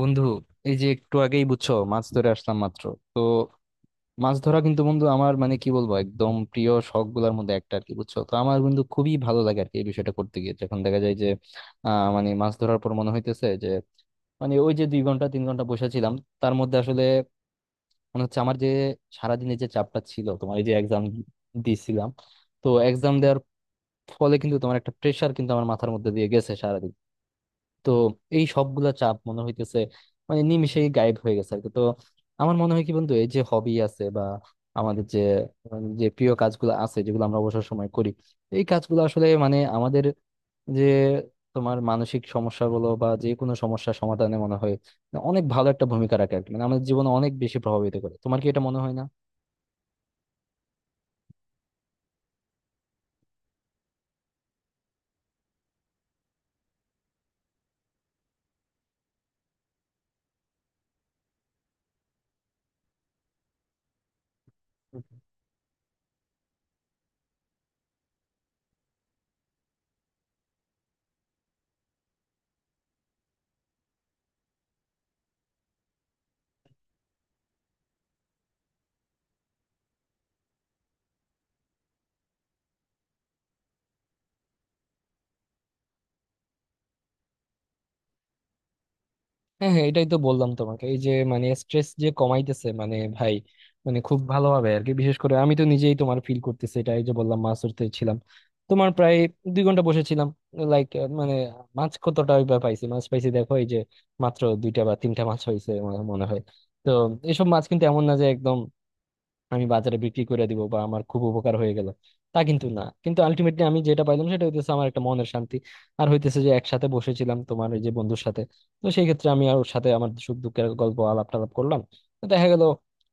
বন্ধু, এই যে একটু আগেই বুঝছো মাছ ধরে আসলাম মাত্র। তো মাছ ধরা কিন্তু বন্ধু আমার, মানে কি বলবো, একদম প্রিয় শখ গুলার মধ্যে একটা আর কি, বুঝছো তো আমার বন্ধু খুবই ভালো লাগে আর কি। এই বিষয়টা করতে গিয়ে যখন দেখা যায় যে মানে মাছ ধরার পর মনে হইতেছে যে, মানে ওই যে 2 ঘন্টা 3 ঘন্টা বসেছিলাম, তার মধ্যে আসলে মনে হচ্ছে আমার যে সারাদিনের যে চাপটা ছিল তোমার, এই যে এক্সাম দিয়েছিলাম, তো এক্সাম দেওয়ার ফলে কিন্তু তোমার একটা প্রেশার কিন্তু আমার মাথার মধ্যে দিয়ে গেছে সারাদিন। তো এই সবগুলা চাপ মনে হইতেছে মানে নিমিষেই গায়েব হয়ে গেছে আর কি। তো আমার মনে হয় কি বন্ধু, এই যে হবি আছে বা আমাদের যে যে প্রিয় কাজগুলো আছে যেগুলো আমরা অবসর সময় করি, এই কাজগুলো আসলে মানে আমাদের যে তোমার মানসিক সমস্যা বলো বা যে কোনো সমস্যা সমাধানে মনে হয় অনেক ভালো একটা ভূমিকা রাখে আর কি। মানে আমাদের জীবনে অনেক বেশি প্রভাবিত করে। তোমার কি এটা মনে হয় না? হ্যাঁ, হ্যাঁ, এটাই তো বললাম তোমাকে এই যে মানে স্ট্রেস যে কমাইতেছে, মানে ভাই, মানে খুব ভালোভাবে আর কি। বিশেষ করে আমি তো নিজেই তোমার ফিল করতেছি এটা, এই যে বললাম মাছ ধরতে ছিলাম তোমার প্রায় 2 ঘন্টা বসেছিলাম, লাইক মানে মাছ কতটা ওইভাবে পাইছি, মাছ পাইছি দেখো এই যে মাত্র 2টা বা 3টা মাছ হয়েছে আমার মনে হয়। তো এসব মাছ কিন্তু এমন না যে একদম আমি বাজারে বিক্রি করে দিব বা আমার খুব উপকার হয়ে গেল, তা কিন্তু না। কিন্তু আলটিমেটলি আমি যেটা পাইলাম সেটা হইতেছে আমার একটা মনের শান্তি, আর হইতেছে যে একসাথে বসেছিলাম তোমার এই যে বন্ধুর সাথে। তো সেই ক্ষেত্রে আমি আর ওর সাথে আমার সুখ দুঃখের গল্প আলাপ টালাপ করলাম, তো দেখা গেল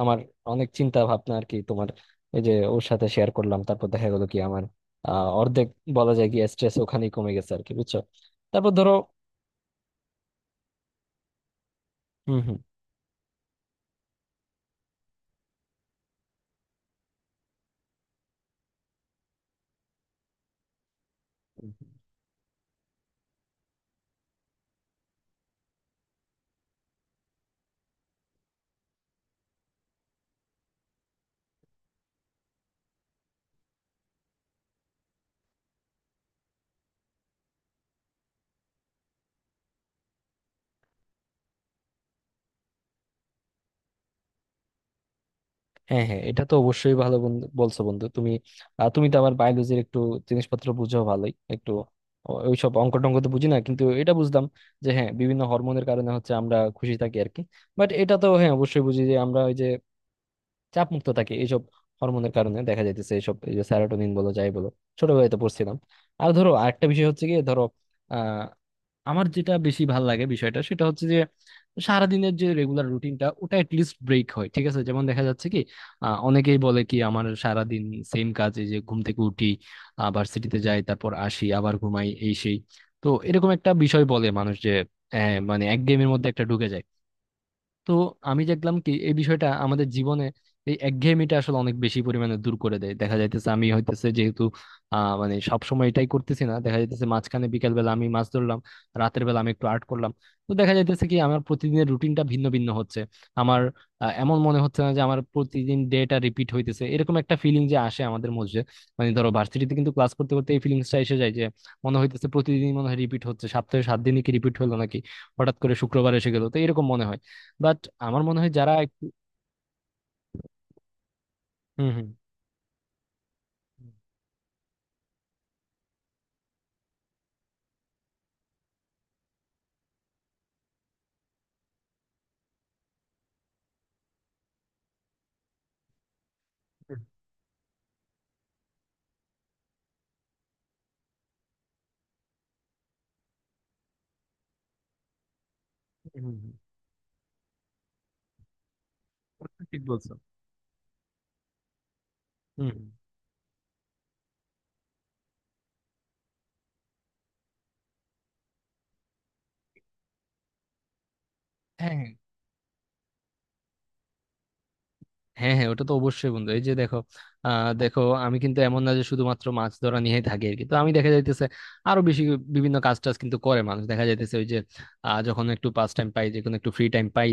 আমার অনেক চিন্তা ভাবনা আর কি তোমার, এই যে ওর সাথে শেয়ার করলাম, তারপর দেখা গেল কি আমার অর্ধেক বলা যায় কি স্ট্রেস ওখানেই কমে গেছে আর কি বুঝছো। তারপর ধরো হম, হম। হ্যাঁ, হ্যাঁ, এটা তো অবশ্যই, ভালো বন্ধু বলছো বন্ধু তুমি। তুমি তো আমার বায়োলজির একটু জিনিসপত্র বুঝো ভালোই একটু। ওইসব অঙ্ক টঙ্ক তো বুঝি না, কিন্তু এটা বুঝলাম যে হ্যাঁ, বিভিন্ন হরমোনের কারণে হচ্ছে আমরা খুশি থাকি আর কি। বাট এটা তো হ্যাঁ অবশ্যই বুঝি যে আমরা ওই যে চাপ মুক্ত থাকি এইসব হরমোনের কারণে, দেখা যাইতেছে এইসব এই যে স্যারাটোনিন বলো যাই বলো, ছোটবেলায় তো পড়ছিলাম। আর ধরো আরেকটা বিষয় হচ্ছে কি, ধরো আমার যেটা বেশি ভাল লাগে বিষয়টা সেটা হচ্ছে যে সারাদিনের যে রেগুলার রুটিনটা ওটা লিস্ট ব্রেক হয়, ঠিক আছে? যেমন দেখা যাচ্ছে কি অনেকেই বলে কি আমার সারাদিন সেম কাজে, যে ঘুম থেকে উঠি, ভার্সিটিতে যাই, তারপর আসি, আবার ঘুমাই, এই সেই। তো এরকম একটা বিষয় বলে মানুষ যে মানে এক গেমের মধ্যে একটা ঢুকে যায়। তো আমি দেখলাম কি এই বিষয়টা আমাদের জীবনে এই একঘেয়েমিটা আসলে অনেক বেশি পরিমাণে দূর করে দেয়। দেখা যাইতেছে আমি হইতেছে যেহেতু মানে সবসময় এটাই করতেছি না, দেখা যাইতেছে মাঝখানে বিকেল বেলা আমি মাছ ধরলাম, রাতের বেলা আমি একটু আর্ট করলাম। তো দেখা যাইতেছে কি আমার প্রতিদিনের রুটিনটা ভিন্ন ভিন্ন হচ্ছে। আমার এমন মনে হচ্ছে না যে আমার প্রতিদিন ডেটা রিপিট হইতেছে, এরকম একটা ফিলিং যে আসে আমাদের মধ্যে, মানে ধরো ভার্সিটিতে কিন্তু ক্লাস করতে করতে এই ফিলিংসটা এসে যায় যে মনে হইতেছে প্রতিদিন মনে হয় রিপিট হচ্ছে, সপ্তাহে 7 দিনই কি রিপিট হলো নাকি, হঠাৎ করে শুক্রবার এসে গেলো, তো এরকম মনে হয়। বাট আমার মনে হয় যারা একটু হুম, হুম। হুম, হুম। হুম, হুম, হুম। ঠিক বলছো। হুম, হুম। হ্যাঁ, হ্যাঁ, হ্যাঁ, ওটা তো অবশ্যই বন্ধু, এই যে দেখো আহ দেখো আমি কিন্তু এমন না যে শুধুমাত্র মাছ ধরা নিয়েই থাকি আর কি। তো আমি দেখা যাইতেছে আরো বেশি বিভিন্ন কাজ টাজ কিন্তু করে মানুষ, দেখা যাইতেছে ওই যে যখন একটু পাস টাইম পাই, যখন একটু ফ্রি টাইম পাই,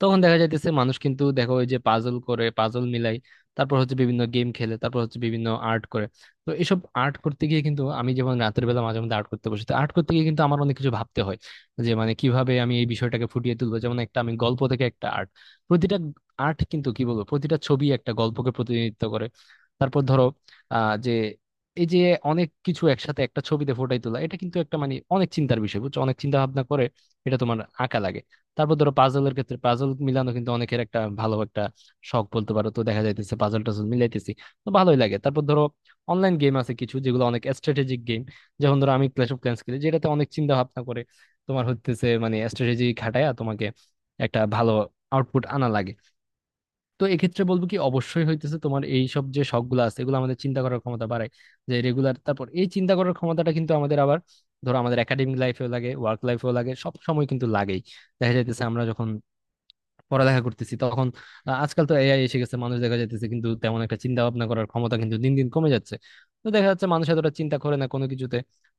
তখন দেখা যাইতেছে মানুষ কিন্তু দেখো ওই যে পাজল করে, পাজল মিলাই, তারপর হচ্ছে বিভিন্ন গেম খেলে, তারপর হচ্ছে বিভিন্ন আর্ট করে। তো এসব আর্ট করতে গিয়ে কিন্তু আমি, যেমন রাতের বেলা মাঝে মধ্যে আর্ট করতে বসি, তো আর্ট করতে গিয়ে কিন্তু আমার অনেক কিছু ভাবতে হয় যে মানে কিভাবে আমি এই বিষয়টাকে ফুটিয়ে তুলবো, যেমন একটা আমি গল্প থেকে একটা আর্ট, প্রতিটা আর্ট কিন্তু কি বলবো প্রতিটা ছবি একটা গল্পকে প্রতিনিধিত্ব করে। তারপর ধরো যে এই যে অনেক কিছু একসাথে একটা ছবিতে ফোটাই তোলা, এটা কিন্তু একটা মানে অনেক চিন্তার বিষয় বুঝছো, অনেক চিন্তা ভাবনা করে এটা তোমার আঁকা লাগে। তারপর ধরো পাজলের ক্ষেত্রে পাজল মিলানো কিন্তু অনেকের একটা ভালো একটা শখ বলতে পারো। তো দেখা যাইতেছে পাজল টাজল মিলাইতেছি, তো ভালোই লাগে। তারপর ধরো অনলাইন গেম আছে কিছু যেগুলো অনেক স্ট্র্যাটেজিক গেম, যেমন ধরো আমি ক্ল্যাশ অফ ক্ল্যান্স খেলি, যেটাতে অনেক চিন্তা ভাবনা করে তোমার হচ্ছে মানে স্ট্র্যাটেজি খাটায়া তোমাকে একটা ভালো আউটপুট আনা লাগে। তো এক্ষেত্রে বলবো কি অবশ্যই হইতেছে তোমার এই সব যে শখ গুলো আছে এগুলো আমাদের চিন্তা করার ক্ষমতা বাড়ায় যে রেগুলার। তারপর এই চিন্তা করার ক্ষমতাটা কিন্তু আমাদের আবার, ধরো আমাদের একাডেমিক লাইফেও লাগে, ওয়ার্ক লাইফেও লাগে, সব সময় কিন্তু লাগেই। দেখা যাইতেছে আমরা যখন পড়ালেখা করতেছি তখন আজকাল তো এআই এসে গেছে, মানুষ দেখা যাইতেছে কিন্তু তেমন একটা চিন্তা ভাবনা করার ক্ষমতা কিন্তু দিন দিন কমে যাচ্ছে। তো দেখা যাচ্ছে মানুষ এতটা চিন্তা করে না কোনো কিছুতে।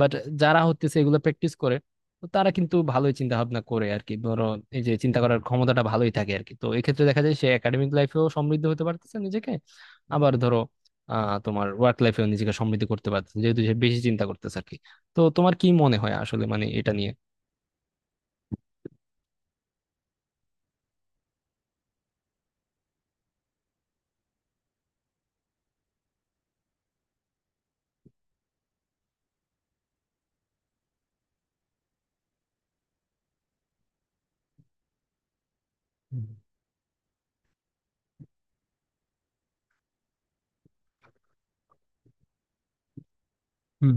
বাট যারা হচ্ছে এগুলো প্র্যাকটিস করে, তো তারা কিন্তু ভালোই চিন্তা ভাবনা করে আর কি। ধরো এই যে চিন্তা করার ক্ষমতাটা ভালোই থাকে আর কি, তো এক্ষেত্রে দেখা যায় সে একাডেমিক লাইফেও সমৃদ্ধ হতে পারতেছে নিজেকে। আবার ধরো তোমার ওয়ার্ক লাইফেও নিজেকে সমৃদ্ধ করতে পারতেছে, যেহেতু সে বেশি চিন্তা করতেছে আর কি। তো তোমার কি মনে হয় আসলে মানে এটা নিয়ে? হুম, হুম।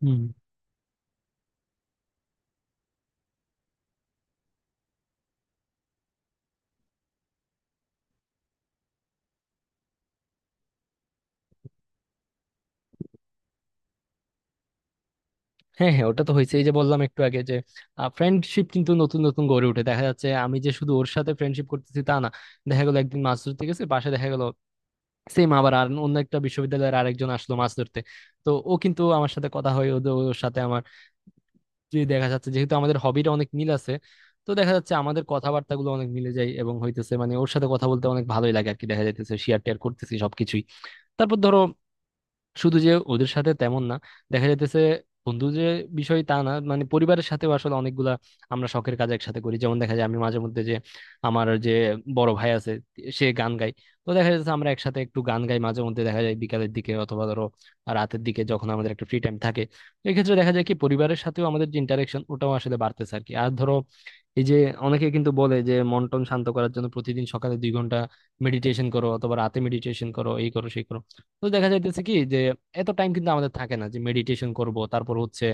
হুম। হ্যাঁ, হ্যাঁ, ওটা তো হয়েছে, এই যে বললাম একটু আগে যে ফ্রেন্ডশিপ কিন্তু নতুন নতুন গড়ে উঠে। দেখা যাচ্ছে আমি যে শুধু ওর সাথে ফ্রেন্ডশিপ করতেছি তা না, দেখা গেলো একদিন মাছ ধরতে গেছে পাশে দেখা গেল সেম আবার আর অন্য একটা বিশ্ববিদ্যালয়ের আরেকজন আসলো মাছ ধরতে। তো ও কিন্তু আমার সাথে কথা হয় ওর সাথে আমার, যে দেখা যাচ্ছে যেহেতু আমাদের হবিটা অনেক মিল আছে, তো দেখা যাচ্ছে আমাদের কথাবার্তাগুলো অনেক মিলে যায় এবং হইতেছে মানে ওর সাথে কথা বলতে অনেক ভালোই লাগে আর কি। দেখা যাইতেছে শেয়ার টেয়ার করতেছি সবকিছুই। তারপর ধরো শুধু যে ওদের সাথে তেমন না, দেখা যাইতেছে বন্ধু যে বিষয় তা না, মানে পরিবারের সাথেও আসলে অনেকগুলা আমরা শখের কাজ একসাথে করি, যেমন দেখা যায় আমি মাঝে মধ্যে যে আমার যে বড় ভাই আছে সে গান গায়, তো দেখা যাচ্ছে আমরা একসাথে একটু গান গাই মাঝে মধ্যে, দেখা যায় বিকালের দিকে অথবা ধরো রাতের দিকে যখন আমাদের একটা ফ্রি টাইম থাকে। এক্ষেত্রে দেখা যায় কি পরিবারের সাথেও আমাদের যে ইন্টারেকশন ওটাও আসলে বাড়তেছে আর কি। আর ধরো এই যে অনেকে কিন্তু বলে যে মন টন শান্ত করার জন্য প্রতিদিন সকালে 2 ঘন্টা মেডিটেশন করো, অথবা রাতে মেডিটেশন করো, এই করো সেই করো। তো দেখা যাইতেছে কি যে এত টাইম কিন্তু আমাদের থাকে না যে মেডিটেশন করব, তারপর হচ্ছে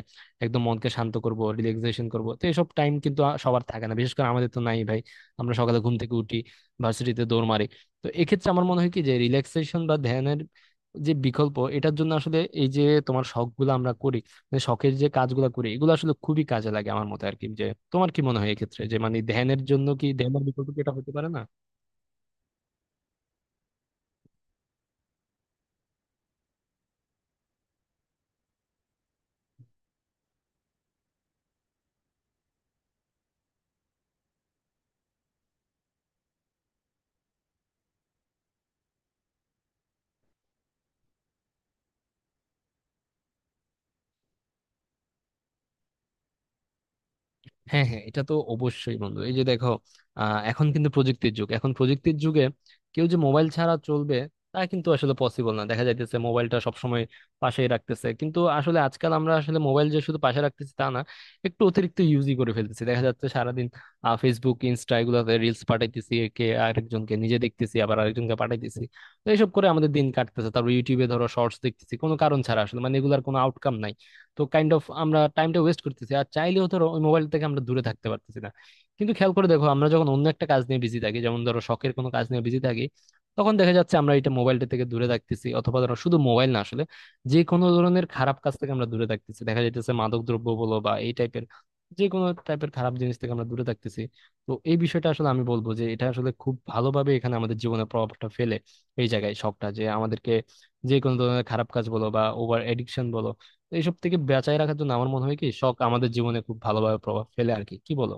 একদম মনকে শান্ত করব, রিল্যাক্সেশন করব, তো এসব টাইম কিন্তু সবার থাকে না, বিশেষ করে আমাদের তো নাই ভাই। আমরা সকালে ঘুম থেকে উঠি, ভার্সিটিতে দৌড় মারি। তো এক্ষেত্রে আমার মনে হয় কি যে রিল্যাক্সেশন বা ধ্যানের যে বিকল্প, এটার জন্য আসলে এই যে তোমার শখ গুলো আমরা করি, মানে শখের যে কাজগুলো করি, এগুলো আসলে খুবই কাজে লাগে আমার মতে আর কি। যে তোমার কি মনে হয় এক্ষেত্রে, যে মানে ধ্যানের জন্য কি, ধ্যানের বিকল্প কি এটা হতে পারে না? হ্যাঁ, হ্যাঁ, এটা তো অবশ্যই বন্ধু, এই যে দেখো এখন কিন্তু প্রযুক্তির যুগ, এখন প্রযুক্তির যুগে কেউ যে মোবাইল ছাড়া চলবে তা কিন্তু আসলে পসিবল না। দেখা যাইতেছে মোবাইলটা সবসময় পাশেই রাখতেছে, কিন্তু আসলে আজকাল আমরা আসলে মোবাইল যে শুধু পাশে রাখতেছি তা না, একটু অতিরিক্ত ইউজই করে ফেলতেছি। দেখা যাচ্ছে সারাদিন ফেসবুক, ইনস্টা, এগুলোতে রিলস পাঠাইতেছি একে আরেকজনকে, নিজে দেখতেছি আবার আরেকজনকে পাঠাইতেছি। তো এইসব করে আমাদের দিন কাটতেছে। তারপর ইউটিউবে ধরো শর্টস দেখতেছি কোনো কারণ ছাড়া, আসলে মানে এগুলার কোনো আউটকাম নাই। তো কাইন্ড অফ আমরা টাইমটা ওয়েস্ট করতেছি, আর চাইলেও ধরো ওই মোবাইল থেকে আমরা দূরে থাকতে পারতেছি না। কিন্তু খেয়াল করে দেখো আমরা যখন অন্য একটা কাজ নিয়ে বিজি থাকি, যেমন ধরো শখের কোনো কাজ নিয়ে বিজি থাকি, তখন দেখা যাচ্ছে আমরা এটা মোবাইলটা থেকে দূরে থাকতেছি। অথবা ধরো শুধু মোবাইল না আসলে, যে কোনো ধরনের খারাপ কাজ থেকে আমরা দূরে থাকতেছি, দেখা যাইতেছে মাদক দ্রব্য বলো বা এই টাইপের যে কোনো টাইপের খারাপ জিনিস থেকে আমরা দূরে থাকতেছি। তো এই বিষয়টা আসলে আমি বলবো যে এটা আসলে খুব ভালোভাবে এখানে আমাদের জীবনে প্রভাবটা ফেলে। এই জায়গায় শখটা যে আমাদেরকে যে কোনো ধরনের খারাপ কাজ বলো বা ওভার এডিকশন বলো, তো এইসব থেকে বাঁচায় রাখার জন্য আমার মনে হয় কি শখ আমাদের জীবনে খুব ভালোভাবে প্রভাব ফেলে আর কি, কি বলো?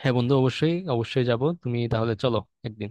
হ্যাঁ বন্ধু, অবশ্যই, অবশ্যই যাব, তুমি তাহলে চলো একদিন।